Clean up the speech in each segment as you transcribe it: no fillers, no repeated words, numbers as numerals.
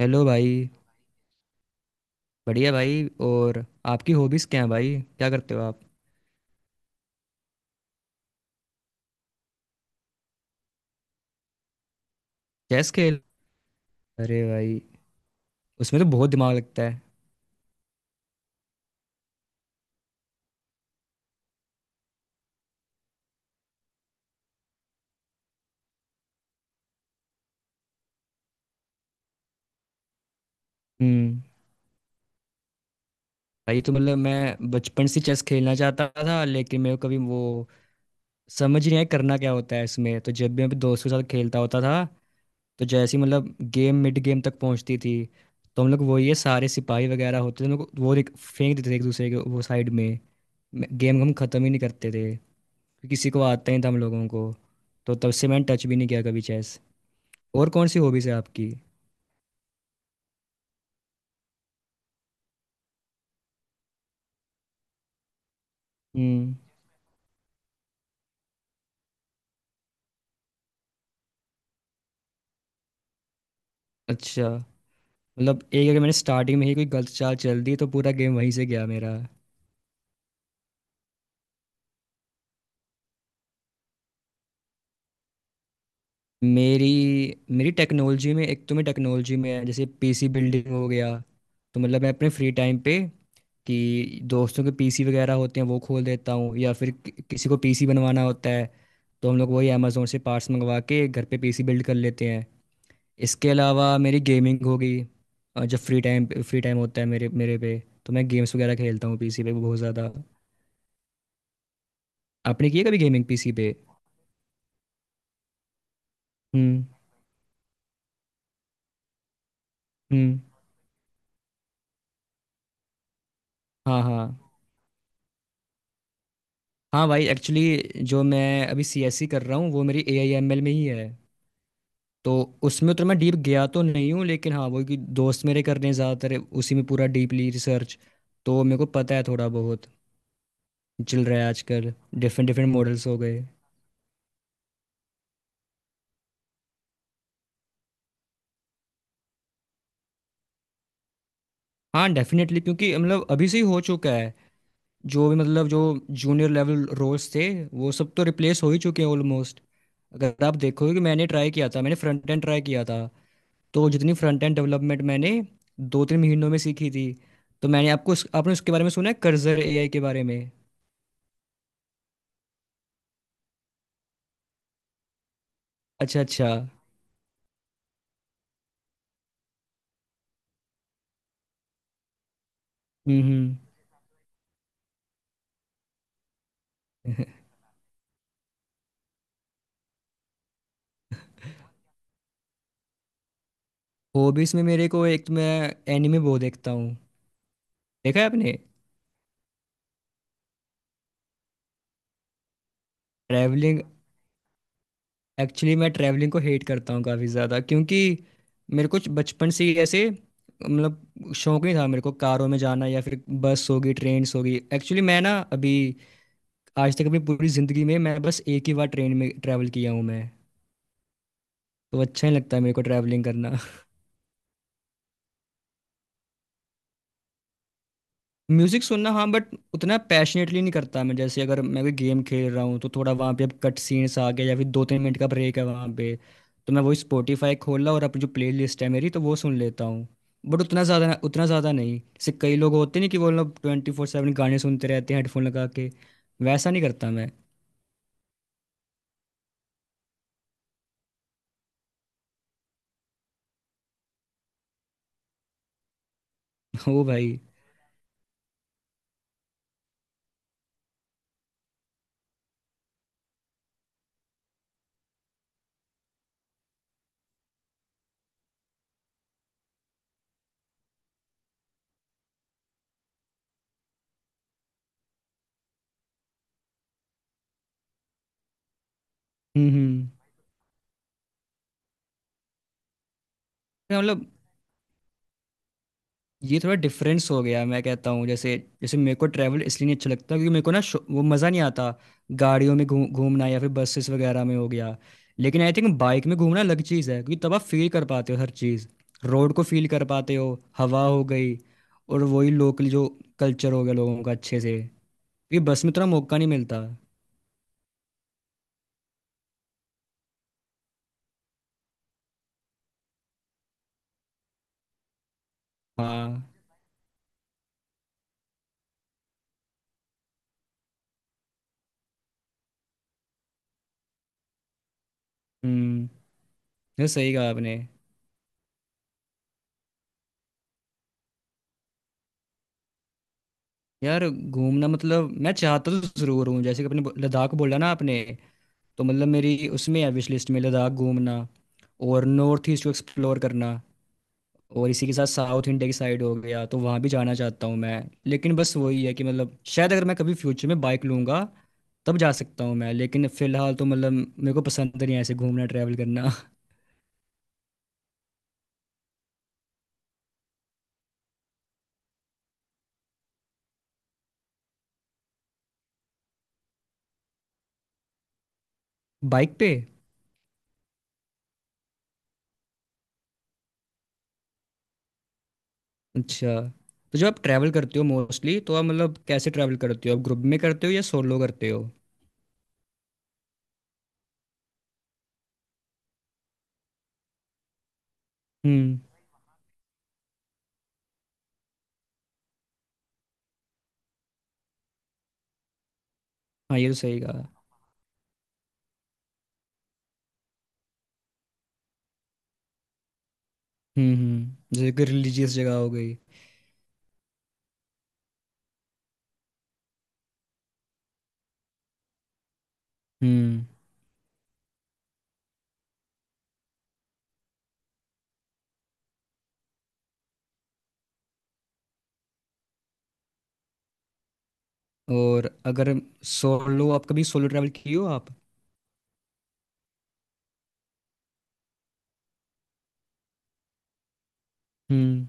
Hello भाई। बढ़िया भाई। और आपकी हॉबीज़ क्या है भाई? क्या करते हो आप? चेस खेल? अरे भाई, उसमें तो बहुत दिमाग लगता है। हम्म। भाई तो मतलब मैं बचपन से चेस खेलना चाहता था, लेकिन मेरे को कभी वो समझ ही नहीं आया करना क्या होता है इसमें। तो जब भी मैं अपने दोस्तों के साथ खेलता होता था, तो जैसे ही मतलब गेम मिड गेम तक पहुंचती थी, तो हम लोग वो ये सारे सिपाही वगैरह होते थे, हम लोग वो फेंक देते थे एक दूसरे के वो साइड में। गेम हम ख़त्म ही नहीं करते थे। किसी को आता ही था हम लोगों को। तो तब से मैंने टच भी नहीं किया कभी चेस। और कौन सी हॉबीज है आपकी? हम्म। अच्छा। मतलब एक अगर मैंने स्टार्टिंग में ही कोई गलत चाल चल दी तो पूरा गेम वहीं से गया मेरा। मेरी मेरी टेक्नोलॉजी में, एक तो मैं टेक्नोलॉजी में है जैसे पीसी बिल्डिंग हो गया। तो मतलब मैं अपने फ्री टाइम पे कि दोस्तों के पीसी वगैरह होते हैं वो खोल देता हूँ, या फिर किसी को पीसी बनवाना होता है तो हम लोग वही अमेज़ोन से पार्ट्स मंगवा के घर पे पीसी बिल्ड कर लेते हैं। इसके अलावा मेरी गेमिंग हो गई। जब फ्री टाइम होता है मेरे मेरे पे, तो मैं गेम्स वगैरह खेलता हूँ पीसी पे बहुत ज़्यादा। आपने की है कभी गेमिंग पीसी पे? हम्म। हम्म। हाँ हाँ। हाँ भाई, एक्चुअली जो मैं अभी सीएससी कर रहा हूँ वो मेरी ए आई एम एल में ही है। तो उसमें उतना मैं डीप गया तो नहीं हूँ, लेकिन हाँ वो कि दोस्त मेरे कर रहे हैं ज़्यादातर उसी में पूरा डीपली रिसर्च, तो मेरे को पता है थोड़ा बहुत चल रहा है आजकल। डिफरेंट डिफरेंट मॉडल्स हो गए। हाँ डेफिनेटली, क्योंकि मतलब अभी से ही हो चुका है। जो भी मतलब जो जूनियर लेवल रोल्स थे, वो सब तो रिप्लेस हो ही चुके हैं ऑलमोस्ट। अगर आप देखोगे, कि मैंने ट्राई किया था, मैंने फ्रंट एंड ट्राई किया था। तो जितनी फ्रंट एंड डेवलपमेंट मैंने 2-3 महीनों में सीखी थी। तो मैंने आपने उसके बारे में सुना है कर्जर एआई के बारे में? अच्छा अच्छा। हम्म। हॉबीज में मेरे को, एक तो मैं एनिमे बहुत देखता हूँ। देखा है आपने? ट्रैवलिंग, एक्चुअली मैं ट्रैवलिंग को हेट करता हूँ काफ़ी ज़्यादा, क्योंकि मेरे को बचपन से ही ऐसे मतलब शौक नहीं था मेरे को कारों में जाना, या फिर बस होगी ट्रेन होगी। एक्चुअली मैं ना अभी आज तक अपनी पूरी ज़िंदगी में मैं बस एक ही बार ट्रेन में ट्रैवल किया हूँ मैं। तो अच्छा नहीं लगता है मेरे को ट्रैवलिंग करना। म्यूजिक सुनना हाँ, बट उतना पैशनेटली नहीं करता मैं। जैसे अगर मैं कोई गेम खेल रहा हूँ तो थोड़ा वहाँ पे अब कट सीन्स आ गए या फिर 2-3 मिनट का ब्रेक है वहाँ पे, तो मैं वही स्पॉटिफाई खोला और अपनी जो प्ले लिस्ट है मेरी तो वो सुन लेता हूँ। बट उतना ज़्यादा नहीं जैसे कई लोग होते नहीं कि वो लोग 24/7 गाने सुनते रहते हैं हेडफोन लगा के। वैसा नहीं करता मैं। ओ भाई। हम्म। मतलब ये थोड़ा डिफरेंस हो गया, मैं कहता हूँ जैसे, जैसे मेरे को ट्रैवल इसलिए नहीं अच्छा लगता क्योंकि मेरे को ना वो मज़ा नहीं आता गाड़ियों में घूम घूमना या फिर बसेस वगैरह में हो गया। लेकिन आई थिंक बाइक में घूमना अलग चीज़ है, क्योंकि तब आप फील कर पाते हो हर चीज़। रोड को फील कर पाते हो, हवा हो गई, और वही लोकल जो कल्चर हो गया लोगों का अच्छे से, क्योंकि बस में उतना मौका नहीं मिलता। हाँ। हम्म, ये सही कहा आपने। यार घूमना मतलब मैं चाहता तो ज़रूर हूँ, जैसे कि अपने लद्दाख बोला ना आपने, तो मतलब मेरी उसमें है विश लिस्ट में लद्दाख घूमना, और नॉर्थ ईस्ट को एक्सप्लोर करना, और इसी के साथ साउथ इंडिया की साइड हो गया तो वहाँ भी जाना चाहता हूँ मैं। लेकिन बस वही है कि मतलब शायद अगर मैं कभी फ्यूचर में बाइक लूँगा तब जा सकता हूँ मैं, लेकिन फिलहाल तो मतलब मेरे को पसंद नहीं है ऐसे घूमना ट्रैवल करना। बाइक पे? अच्छा। तो जब आप ट्रैवल करते हो मोस्टली, तो आप मतलब कैसे ट्रैवल करते हो? आप ग्रुप में करते हो या सोलो करते हो? हम्म। हाँ ये तो सही कहा। हम्म, जैसे कि रिलीजियस जगह हो गई। हम्म। और अगर सोलो, आप कभी सोलो ट्रैवल किए हो आप? हम्म।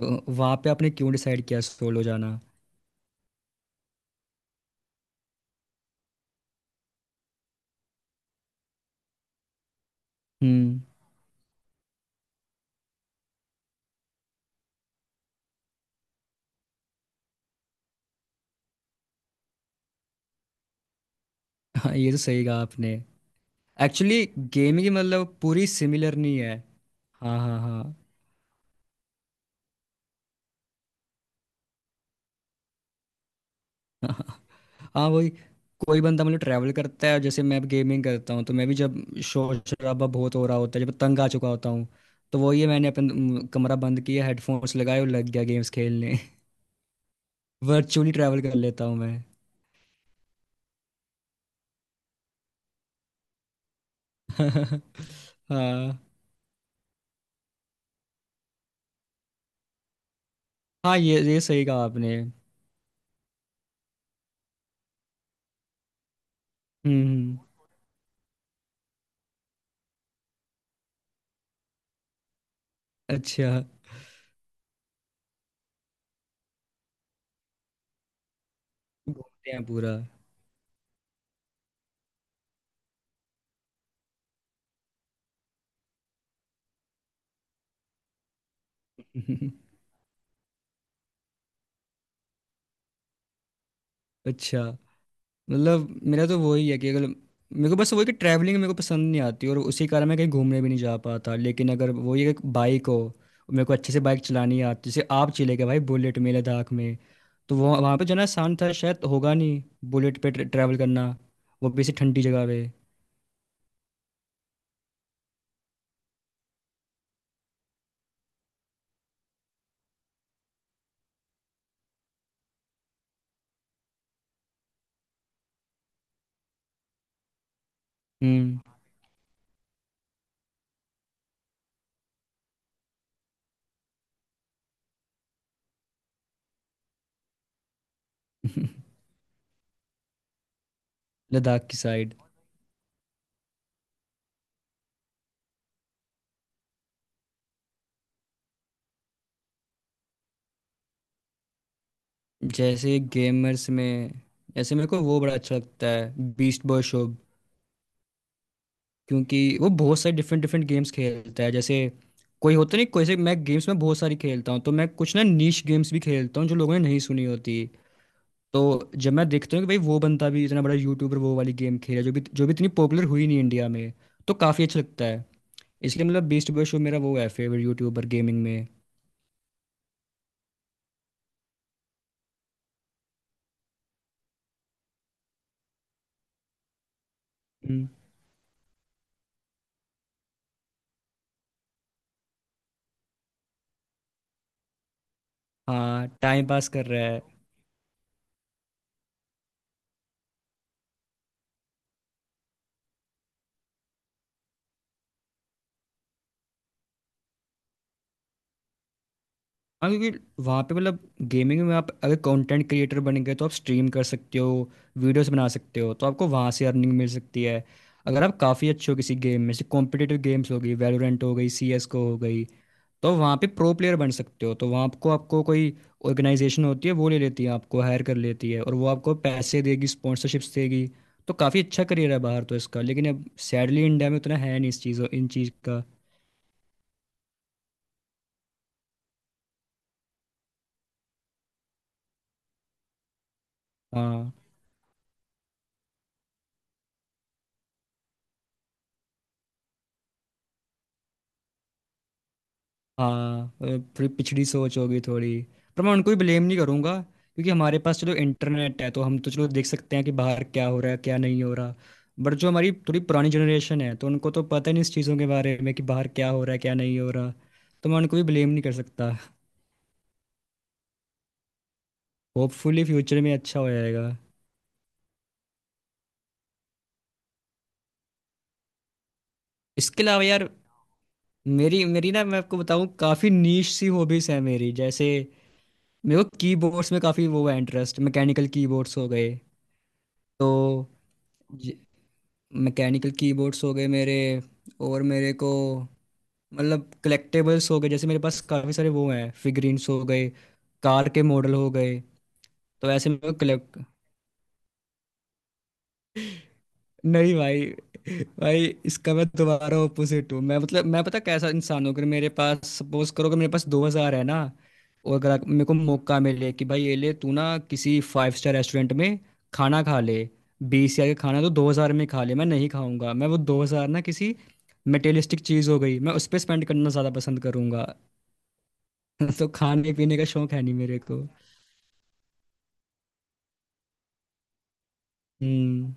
तो वहाँ पे आपने क्यों डिसाइड किया सोलो जाना? हम्म। हाँ ये तो सही कहा आपने। एक्चुअली गेमिंग मतलब पूरी सिमिलर नहीं है। हाँ हाँ हाँ। हाँ। हाँ, वही। कोई बंदा मतलब ट्रैवल करता है, जैसे मैं गेमिंग करता हूँ। तो मैं भी जब शोर शराबा बहुत हो रहा होता है, जब तंग आ चुका होता हूँ, तो वो ये मैंने कमरा बंद किया, हेडफोन्स लगाए और लग गया गेम्स खेलने। वर्चुअली ट्रैवल कर लेता हूँ मैं। हाँ। हाँ ये सही कहा आपने। हम्म। हम्म, अच्छा। घूमते हैं पूरा। अच्छा। मतलब मेरा तो वही है कि अगर मेरे को बस वही कि ट्रैवलिंग मेरे को पसंद नहीं आती और उसी कारण मैं कहीं घूमने भी नहीं जा पाता। लेकिन अगर वो ये बाइक हो, मेरे को अच्छे से बाइक चलानी आती, जैसे आप चले गए भाई बुलेट में लद्दाख में, तो वो वहाँ पे जाना आसान था। शायद होगा नहीं बुलेट पे ट्रैवल करना, वो भी ऐसी ठंडी जगह पे। हम्म। लद्दाख की साइड। जैसे गेमर्स में, जैसे मेरे को वो बड़ा अच्छा लगता है बीस्ट बॉय शोब, क्योंकि वो बहुत सारे डिफरेंट डिफरेंट गेम्स खेलता है। जैसे कोई होता नहीं कोई से, मैं गेम्स में बहुत सारी खेलता हूँ, तो मैं कुछ ना नीश गेम्स भी खेलता हूँ जो लोगों ने नहीं सुनी होती। तो जब मैं देखता हूँ कि भाई वो बंदा भी इतना बड़ा यूट्यूबर वो वाली गेम खेला जो भी इतनी पॉपुलर हुई नहीं इंडिया में, तो काफ़ी अच्छा लगता है। इसलिए मतलब बीस्ट बॉय शोब मेरा वो है फेवरेट यूट्यूबर गेमिंग में। हम्म। हाँ, टाइम पास कर रहा है। हाँ, क्योंकि वहाँ पे मतलब गेमिंग में आप अगर कंटेंट क्रिएटर बन गए तो आप स्ट्रीम कर सकते हो, वीडियोस बना सकते हो, तो आपको वहाँ से अर्निंग मिल सकती है। अगर आप काफ़ी अच्छे हो किसी गेम में जैसे कॉम्पिटिटिव गेम्स हो गई, वैलोरेंट हो गई, सी एस को हो गई, तो वहाँ पे प्रो प्लेयर बन सकते हो। तो वहाँ आपको आपको कोई ऑर्गेनाइजेशन होती है वो ले लेती है, आपको हायर कर लेती है, और वो आपको पैसे देगी, स्पॉन्सरशिप्स देगी। तो काफ़ी अच्छा करियर है बाहर तो इसका। लेकिन अब सैडली इंडिया में उतना है नहीं इस चीज़ों इन चीज़ का। हाँ हाँ। थोड़ी पिछड़ी सोच होगी थोड़ी। पर मैं उनको भी ब्लेम नहीं करूंगा, क्योंकि हमारे पास चलो इंटरनेट है तो हम तो चलो देख सकते हैं कि बाहर क्या हो रहा है क्या नहीं हो रहा। बट जो हमारी थोड़ी पुरानी जनरेशन है, तो उनको तो पता ही नहीं इस चीज़ों के बारे में कि बाहर क्या हो रहा है क्या नहीं हो रहा। तो मैं उनको भी ब्लेम नहीं कर सकता। होपफुली फ्यूचर में अच्छा हो जाएगा। इसके अलावा यार, मेरी मेरी ना, मैं आपको बताऊं काफ़ी नीश सी हॉबीज़ है मेरी। जैसे मेरे को कीबोर्ड्स में काफ़ी वो है इंटरेस्ट, मैकेनिकल कीबोर्ड्स हो गए। तो मैकेनिकल कीबोर्ड्स हो गए मेरे। और मेरे को मतलब कलेक्टेबल्स हो गए, जैसे मेरे पास काफ़ी सारे वो हैं फिगरीन्स हो गए, कार के मॉडल हो गए, तो ऐसे मैं कलेक्ट। नहीं भाई। भाई इसका मैं दोबारा ऑपोजिट हूँ मैं, मतलब मैं पता कैसा इंसान हूँ। अगर मेरे पास सपोज करो कि मेरे पास 2,000 है ना, और अगर मेरे को मौका मिले कि भाई ये ले तू ना किसी फाइव स्टार रेस्टोरेंट में खाना खा ले, 20,000 का खाना तो 2,000 में खा ले, मैं नहीं खाऊंगा। मैं वो 2,000 ना किसी मटेरियलिस्टिक चीज़ हो गई मैं उस पर स्पेंड करना ज़्यादा पसंद करूंगा। तो खाने पीने का शौक है नहीं मेरे को। हम्म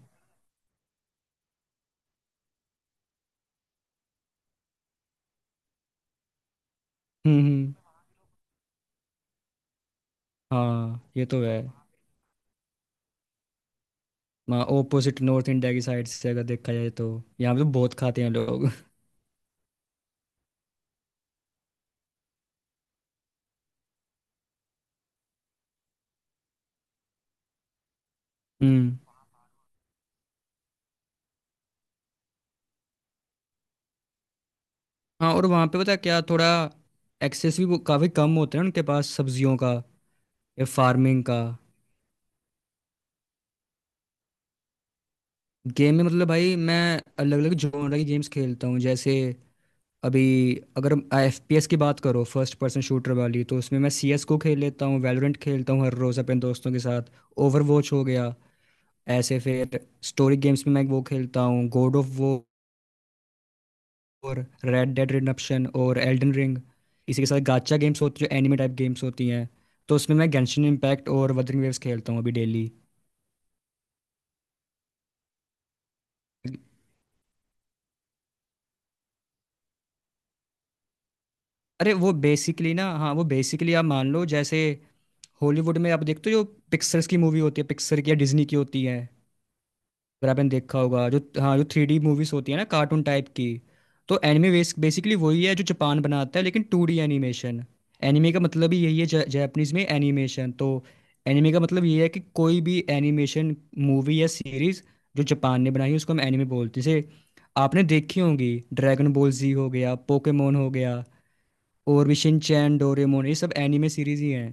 हम्म। हाँ ये तो है। वहाँ ओपोजिट नॉर्थ इंडिया की साइड से अगर देखा जाए तो, यहाँ पे तो बहुत खाते हैं लोग। हम्म। हाँ और वहाँ पे पता है क्या, थोड़ा एक्सेस भी वो काफ़ी कम होता है उनके पास सब्जियों का, या फार्मिंग का। गेम में मतलब भाई मैं अलग अलग जॉनर की गेम्स खेलता हूँ। जैसे अभी, अगर एफ पी एस की बात करो, फर्स्ट पर्सन शूटर वाली, तो उसमें मैं सी एस को खेल लेता हूँ, वैलोरेंट खेलता हूँ हर रोज़ अपने दोस्तों के साथ, ओवर वॉच हो गया। ऐसे फिर स्टोरी गेम्स में मैं वो खेलता हूँ God of War, Red Dead Redemption और एल्डन रिंग। इसी के साथ गाचा गेम्स होती है जो एनिमे टाइप गेम्स होती हैं, तो उसमें मैं गेंशिन इम्पैक्ट और वदरिंग वेव्स खेलता हूँ अभी डेली। अरे वो बेसिकली ना, हाँ वो बेसिकली आप मान लो जैसे हॉलीवुड में आप देखते हो जो पिक्सर्स की मूवी होती है, पिक्सर की या डिज्नी की होती है, अगर आपने देखा होगा जो हाँ जो 3D मूवीज होती है ना कार्टून टाइप की, तो एनिमे बेसिकली वही है जो जापान बनाता है लेकिन 2D एनिमेशन। एनिमे का मतलब ही यही है, जापानीज में एनिमेशन। तो एनिमे का मतलब ये है कि कोई भी एनिमेशन मूवी या सीरीज जो जापान ने बनाई है उसको हम एनिमे बोलते हैं। जैसे आपने देखी होंगी ड्रैगन बॉल जी हो गया, पोकेमोन हो गया, और भी शिनचैन, डोरेमोन, ये सब एनिमे सीरीज ही हैं।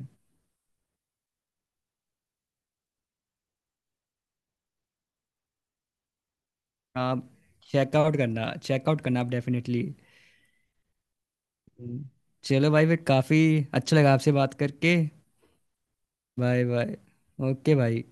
आप चेकआउट करना, चेकआउट करना आप डेफिनेटली। चलो भाई फिर, काफ़ी अच्छा लगा आपसे बात करके। Bye bye. ओके भाई।